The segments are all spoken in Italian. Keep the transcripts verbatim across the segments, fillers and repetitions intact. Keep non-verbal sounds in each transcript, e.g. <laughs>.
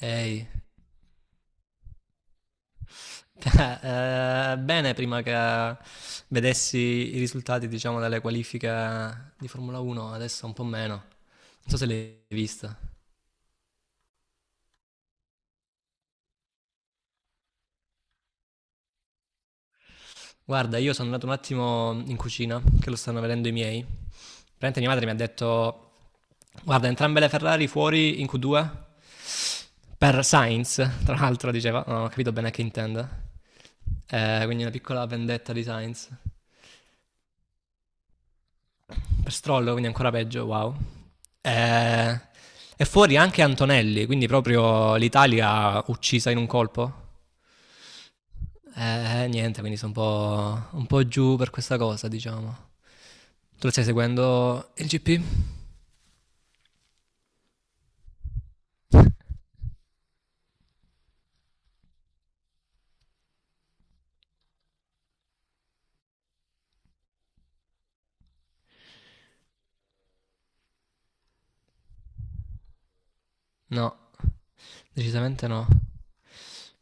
Ehi, <laughs> eh, bene, prima che vedessi i risultati, diciamo, delle qualifiche di Formula uno, adesso un po' meno. Non so se l'hai vista. Guarda, io sono andato un attimo in cucina, che lo stanno vedendo i miei. Praticamente mia madre mi ha detto, guarda, entrambe le Ferrari fuori in Q due per Sainz, tra l'altro diceva, non ho capito bene a che intenda. Eh, quindi una piccola vendetta di Sainz. Per Stroll, quindi ancora peggio, wow. Eh, è fuori anche Antonelli, quindi proprio l'Italia uccisa in un colpo. Eh, niente, quindi sono un po', un po' giù per questa cosa, diciamo. Tu lo stai seguendo il gi pi? No, decisamente no.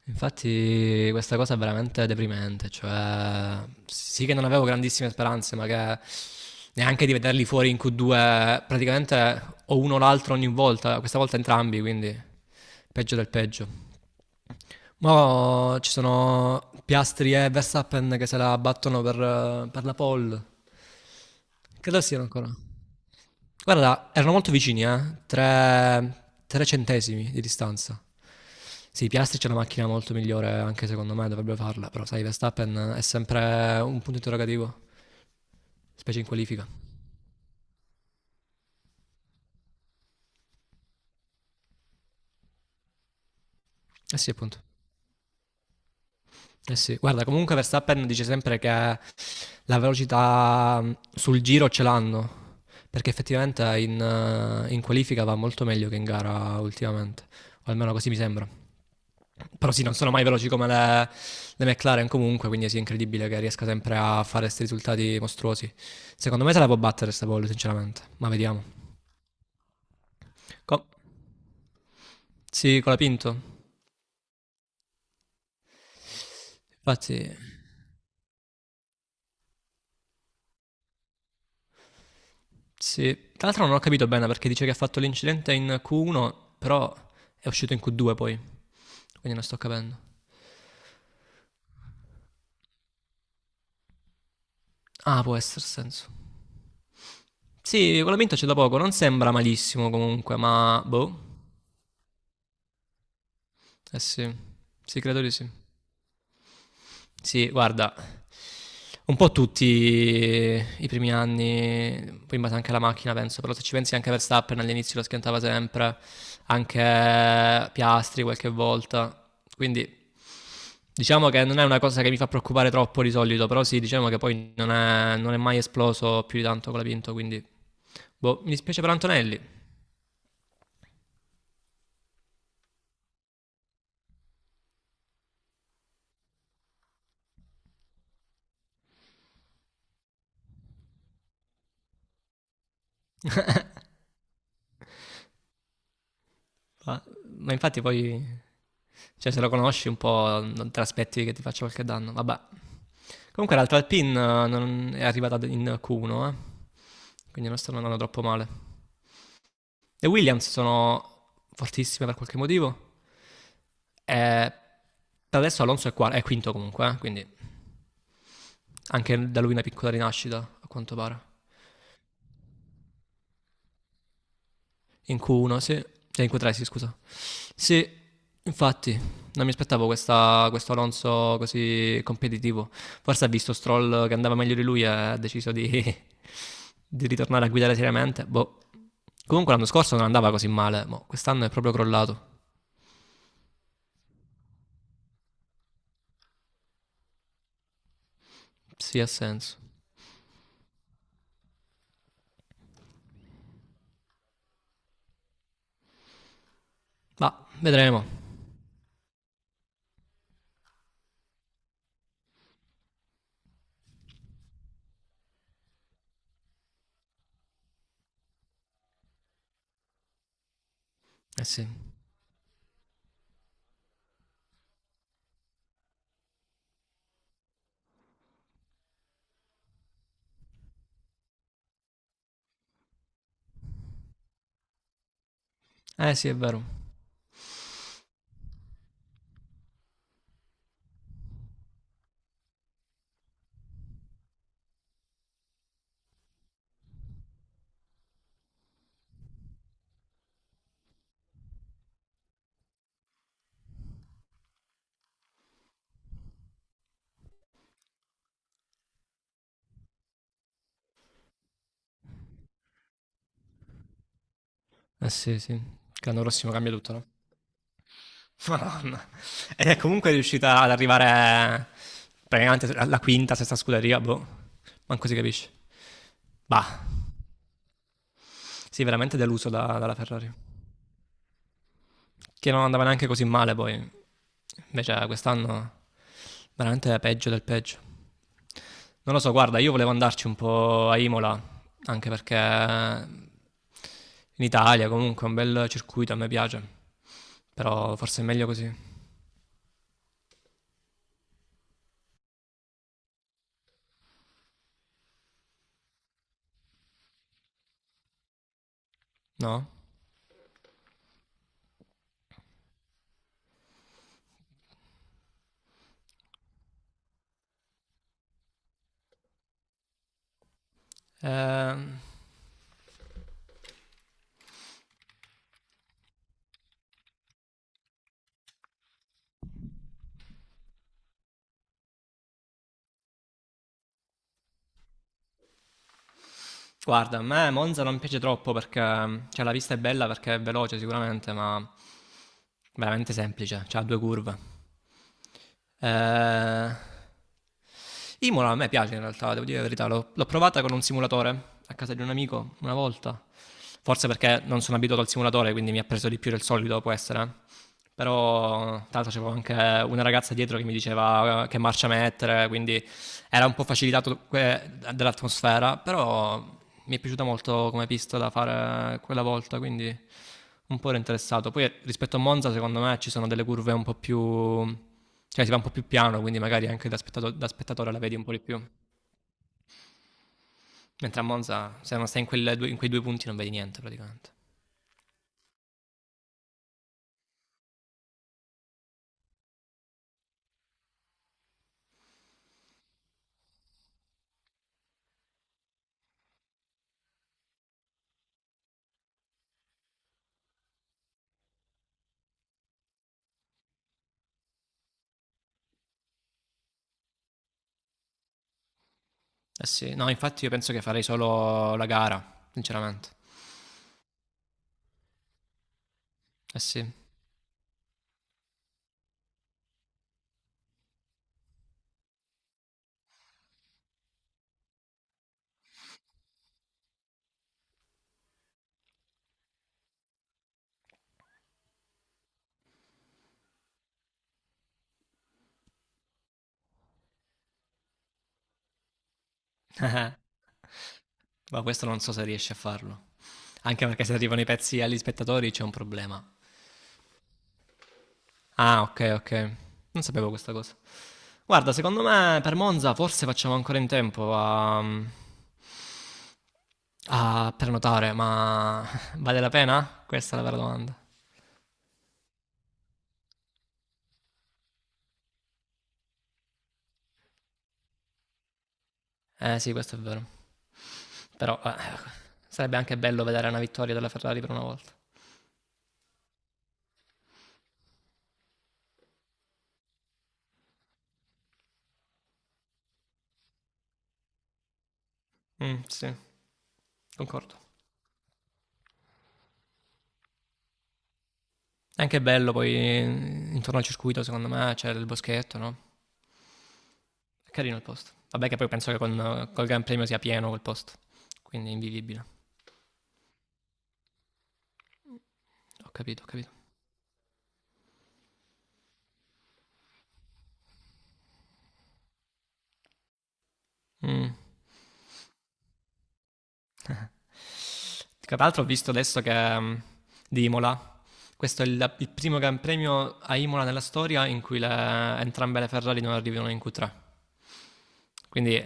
Infatti questa cosa è veramente deprimente, cioè sì che non avevo grandissime speranze, ma che neanche di vederli fuori in Q due, praticamente o uno o l'altro ogni volta, questa volta entrambi, quindi peggio del peggio. Ma ci sono Piastri e Verstappen che se la battono per, per la pole, credo siano ancora. Guarda, erano molto vicini, eh? Tre, tre centesimi di distanza. Sì, Piastri c'è una macchina molto migliore, anche secondo me dovrebbe farla, però sai, Verstappen è sempre un punto interrogativo, specie in qualifica. Eh sì, appunto. Eh sì, guarda, comunque Verstappen dice sempre che la velocità mh, sul giro ce l'hanno, perché effettivamente in, eh, in qualifica va molto meglio che in gara ultimamente, o almeno così mi sembra. Però sì, non sono mai veloci come le, le McLaren comunque, quindi sì, è incredibile che riesca sempre a fare questi risultati mostruosi. Secondo me se la può battere sta Paul, sinceramente, ma vediamo. Co- sì, con la Pinto. Infatti. Sì, tra l'altro non ho capito bene perché dice che ha fatto l'incidente in Q uno, però è uscito in Q due poi, quindi non sto capendo. Ah, può essere senso. Sì, con la vinta c'è da poco, non sembra malissimo comunque, ma boh. Eh sì, sì, credo di sì. Sì, guarda, un po' tutti i primi anni, poi in base anche alla macchina penso, però se ci pensi anche Verstappen all'inizio lo schiantava sempre, anche Piastri qualche volta, quindi diciamo che non è una cosa che mi fa preoccupare troppo di solito, però sì, diciamo che poi non è, non è mai esploso più di tanto con la Pinto, quindi. Boh, mi dispiace per Antonelli, ma, ma infatti poi, cioè se lo conosci un po' non te l'aspetti che ti faccia qualche danno, vabbè. Comunque l'altra Alpine eh, non è arrivata in Q uno, eh, quindi non stanno andando troppo male. Le Williams sono fortissime per qualche motivo, e per adesso Alonso è, qua- è quinto comunque, eh, quindi anche da lui una piccola rinascita a quanto pare. In Q uno, sì, cioè in Q tre, sì, scusa. Sì, infatti, non mi aspettavo questa- questo Alonso così competitivo. Forse ha visto Stroll che andava meglio di lui e ha deciso di, <laughs> di ritornare a guidare seriamente. Boh. Comunque l'anno scorso non andava così male, mo quest'anno è proprio crollato. Sì, ha senso. Ma vedremo. Eh sì. Eh sì, è vero. Eh sì, sì. Che l'anno prossimo cambia tutto, no? Madonna. Ed è comunque riuscita ad arrivare praticamente alla quinta, sesta scuderia, boh, manco si capisce. Bah, sì, veramente deluso da- dalla Ferrari, che non andava neanche così male poi, invece quest'anno veramente peggio del peggio. Non lo so, guarda, io volevo andarci un po' a Imola, anche perché in Italia comunque è un bel circuito, a me piace, però forse è meglio così, no? Ehm, guarda, a me Monza non piace troppo perché cioè, la pista è bella perché è veloce sicuramente, ma veramente semplice, cioè, ha due curve. Eh, Imola a me piace in realtà, devo dire la verità, l'ho, l'ho provata con un simulatore a casa di un amico una volta, forse perché non sono abituato al simulatore, quindi mi ha preso di più del solito, può essere, eh. Però tra l'altro c'avevo anche una ragazza dietro che mi diceva eh, che marcia mettere, quindi era un po' facilitato que- dall'atmosfera, però mi è piaciuta molto come pista da fare quella volta, quindi un po' ero interessato. Poi rispetto a Monza, secondo me ci sono delle curve un po' più, cioè si va un po' più piano, quindi magari anche da, spettato- da spettatore la vedi un po' di più. Mentre a Monza, se non stai in, quelle due- in quei due punti, non vedi niente praticamente. Eh sì, no, infatti io penso che farei solo la gara, sinceramente. Eh sì. <laughs> Ma questo non so se riesci a farlo. Anche perché se arrivano i pezzi agli spettatori c'è un problema. Ah, ok, ok. Non sapevo questa cosa. Guarda, secondo me per Monza forse facciamo ancora in tempo a, a prenotare, ma <laughs> vale la pena? Questa è la vera domanda. Eh sì, questo è vero. Però eh, sarebbe anche bello vedere una vittoria della Ferrari per una volta. Mm, sì, concordo. È anche bello poi intorno al circuito, secondo me, c'è il boschetto, no? È carino il posto. Vabbè che poi penso che con, col Gran Premio sia pieno quel posto, quindi è invivibile. Ho capito, ho capito. Mm. Tra l'altro ho visto adesso che mm, di Imola, questo è il, il primo Gran Premio a Imola nella storia in cui le- entrambe le Ferrari non arrivano in Q tre. Quindi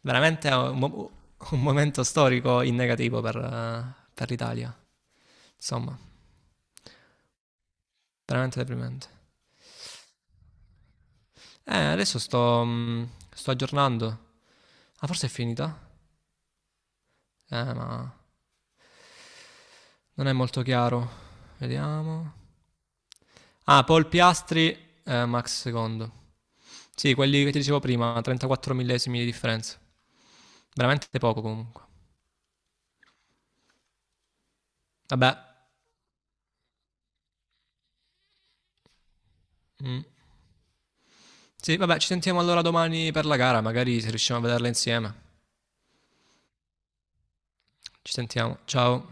veramente è un, mo- un momento storico in negativo per, eh, per l'Italia. Insomma, veramente deprimente. Eh, adesso sto, mm, sto aggiornando. Ah, forse è finita? Eh, ma non è molto chiaro. Vediamo. Ah, Paul Piastri, eh, Max secondo. Sì, quelli che ti dicevo prima, trentaquattro millesimi di differenza. Veramente poco comunque. Vabbè. Mm. Sì, vabbè, ci sentiamo allora domani per la gara, magari se riusciamo a vederla insieme. Ci sentiamo. Ciao.